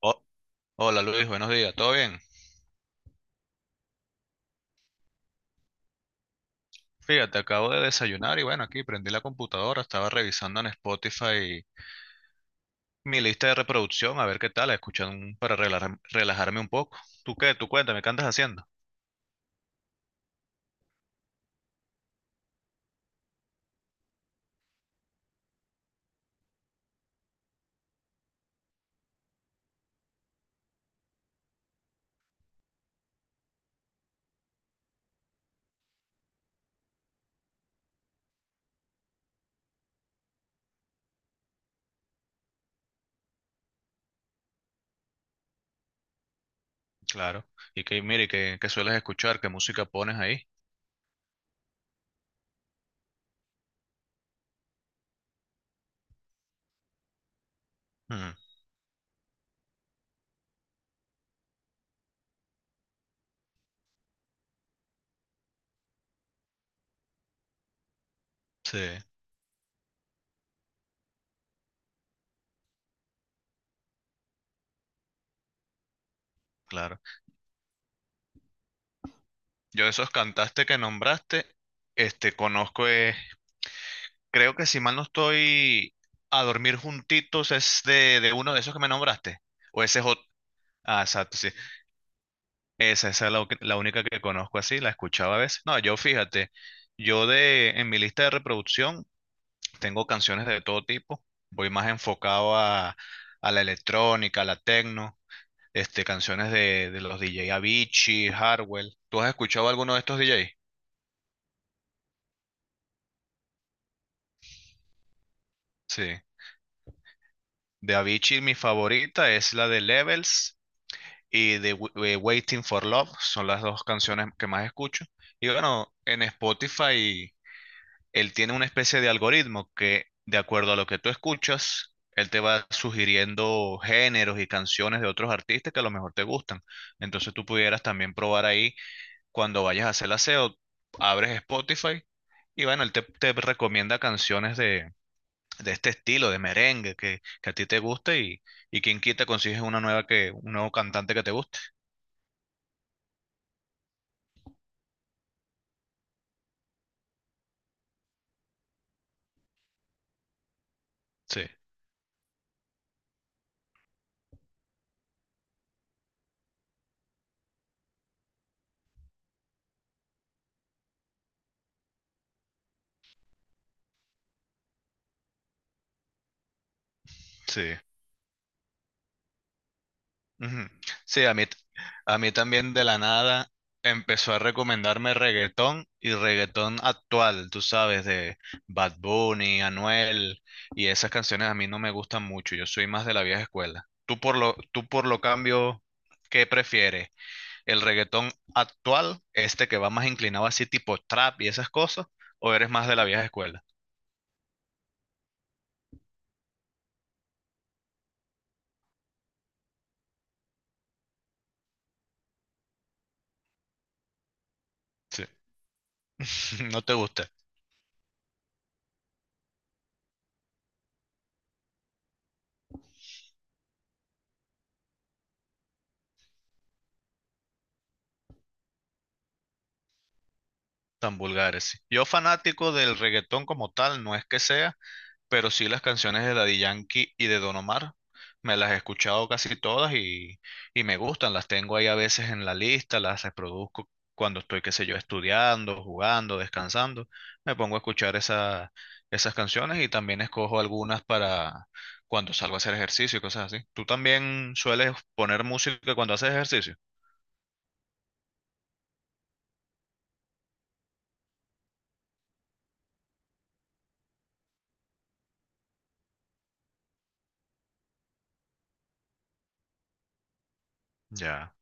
Ho- Hola Luis, buenos días, ¿todo bien? Fíjate, acabo de desayunar y bueno, aquí prendí la computadora, estaba revisando en Spotify mi lista de reproducción, a ver qué tal, escuchando para relajarme un poco. ¿Tú qué? ¿Tú cuéntame qué andas haciendo? Claro. Y que mire, ¿qué sueles escuchar? ¿Qué música pones ahí? Mm, sí, claro. Yo esos cantaste que nombraste, este, conozco, creo que si mal no estoy, A Dormir Juntitos es de uno de esos que me nombraste, o ese es otro. Ah, exacto, sí. Esa es la única que conozco así, la escuchaba a veces. No, yo fíjate, yo de en mi lista de reproducción tengo canciones de todo tipo. Voy más enfocado a la electrónica, a la techno, este, canciones de los DJ Avicii, Hardwell. ¿Tú has escuchado alguno de estos DJ? Sí. De Avicii mi favorita es la de Levels y de Waiting for Love. Son las dos canciones que más escucho. Y bueno, en Spotify, él tiene una especie de algoritmo que, de acuerdo a lo que tú escuchas, él te va sugiriendo géneros y canciones de otros artistas que a lo mejor te gustan. Entonces tú pudieras también probar ahí cuando vayas a hacer el aseo, abres Spotify y bueno, él te recomienda canciones de este estilo, de merengue, que a ti te guste, y quien quita consigues una nueva que, un nuevo cantante que te guste. Sí, sí. Ujú. Sí, a mí también de la nada empezó a recomendarme reggaetón y reggaetón actual, tú sabes, de Bad Bunny, Anuel, y esas canciones a mí no me gustan mucho, yo soy más de la vieja escuela. Tú por lo cambio, ¿qué prefieres? ¿El reggaetón actual, este que va más inclinado así tipo trap y esas cosas, o eres más de la vieja escuela? Sí. No te gusta, tan vulgares. Sí. Yo fanático del reggaetón como tal, no es que sea, pero sí las canciones de Daddy Yankee y de Don Omar. Me las he escuchado casi todas, y me gustan. Las tengo ahí a veces en la lista, las reproduzco cuando estoy, qué sé yo, estudiando, jugando, descansando. Me pongo a escuchar esas canciones y también escojo algunas para cuando salgo a hacer ejercicio y cosas así. ¿Tú también sueles poner música cuando haces ejercicio? Ya.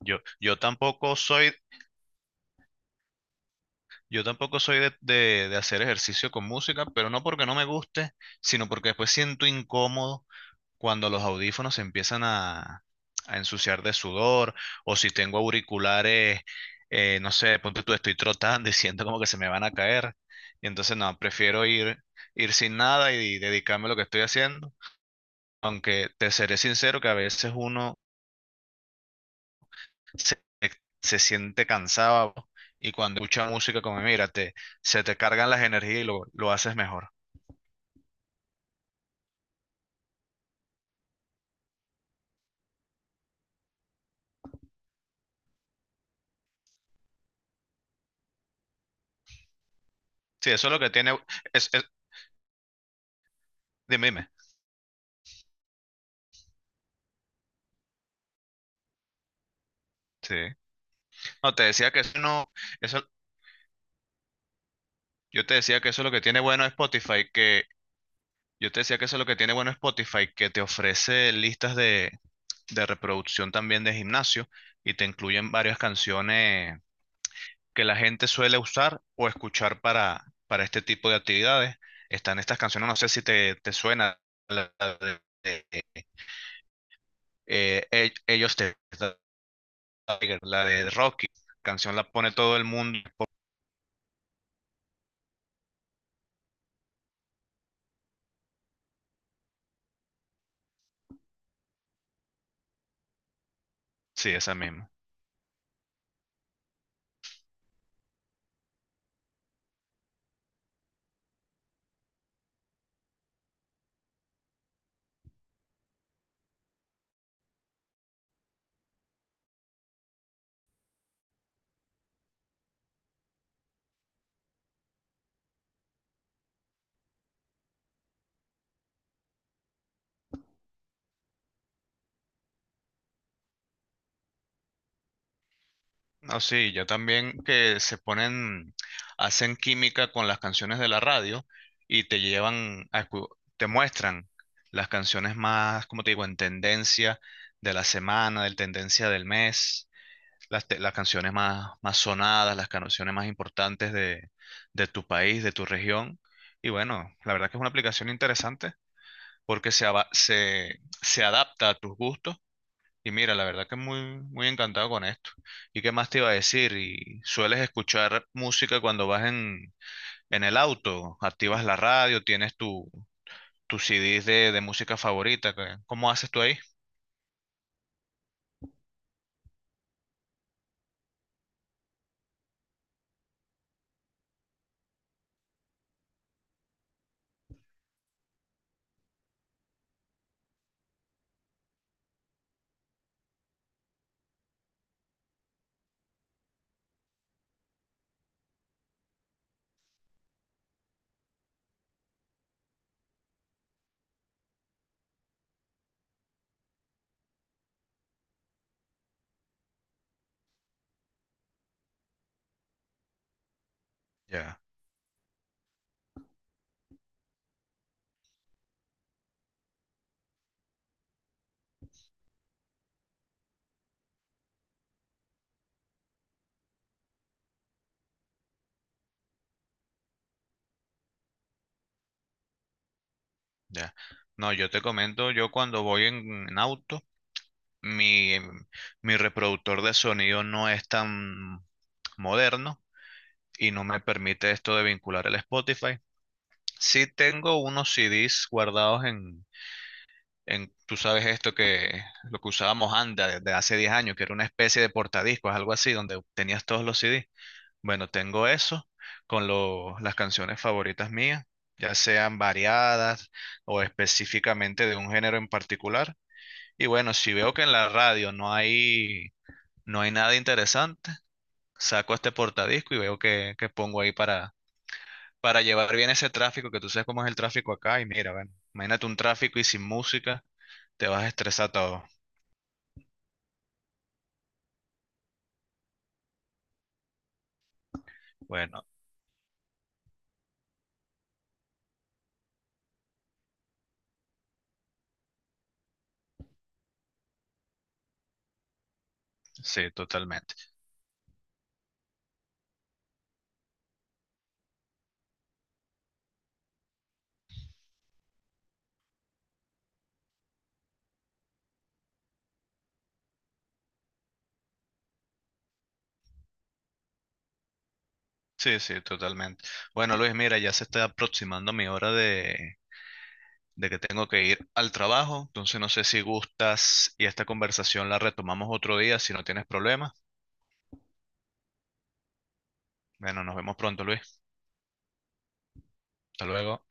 Yo, yo tampoco soy Yo tampoco soy de, de hacer ejercicio con música, pero no porque no me guste, sino porque después siento incómodo cuando los audífonos se empiezan a ensuciar de sudor o si tengo auriculares, no sé, ponte tú, estoy trotando y siento como que se me van a caer. Y entonces no, prefiero ir sin nada y dedicarme a lo que estoy haciendo. Aunque te seré sincero que a veces uno se, se siente cansado y cuando escucha música como mira, te, se te cargan las energías y lo haces mejor. Sí, eso es lo que tiene, es, es- dime, dime. Sí. No, te decía que eso no, eso, yo te decía que eso es lo que tiene bueno Spotify, que yo te decía que eso es lo que tiene bueno Spotify, que te ofrece listas de reproducción también de gimnasio y te incluyen varias canciones que la gente suele usar o escuchar para este tipo de actividades. Están estas canciones, no sé si te suena, la de, e- Ellos te, la de Rocky, canción la pone todo el mundo. Sí, esa misma. No, sí, ya también que se ponen, hacen química con las canciones de la radio y te llevan a, te muestran las canciones más, como te digo, en tendencia de la semana, del tendencia del mes, las canciones más, más sonadas, las canciones más importantes de tu país, de tu región. Y bueno, la verdad que es una aplicación interesante porque se, se adapta a tus gustos. Y mira, la verdad que muy encantado con esto. ¿Y qué más te iba a decir? ¿Y sueles escuchar música cuando vas en el auto? ¿Activas la radio? ¿Tienes tu, tus CDs de música favorita? ¿Cómo haces tú ahí? Ya, ya. No, yo te comento, yo cuando voy en auto, Mi, em, mi reproductor de sonido no es tan moderno y no me permite esto de vincular el Spotify. Sí tengo unos CDs guardados en tú sabes esto que lo que usábamos Anda desde hace 10 años, que era una especie de portadiscos, algo así, donde tenías todos los CDs. Bueno, tengo eso con las canciones favoritas mías, ya sean variadas o específicamente de un género en particular. Y bueno, si veo que en la radio no hay nada interesante, saco este portadisco y veo que pongo ahí para llevar bien ese tráfico, que tú sabes cómo es el tráfico acá y mira, bueno, imagínate un tráfico y sin música, te vas a estresar todo. Bueno, sí, totalmente. Sí, sí, totalmente. Bueno, Luis, mira, ya se está aproximando mi hora de que tengo que ir al trabajo, entonces no sé si gustas y esta conversación la retomamos otro día si no tienes problemas. Bueno, nos vemos pronto, Luis. Hasta luego.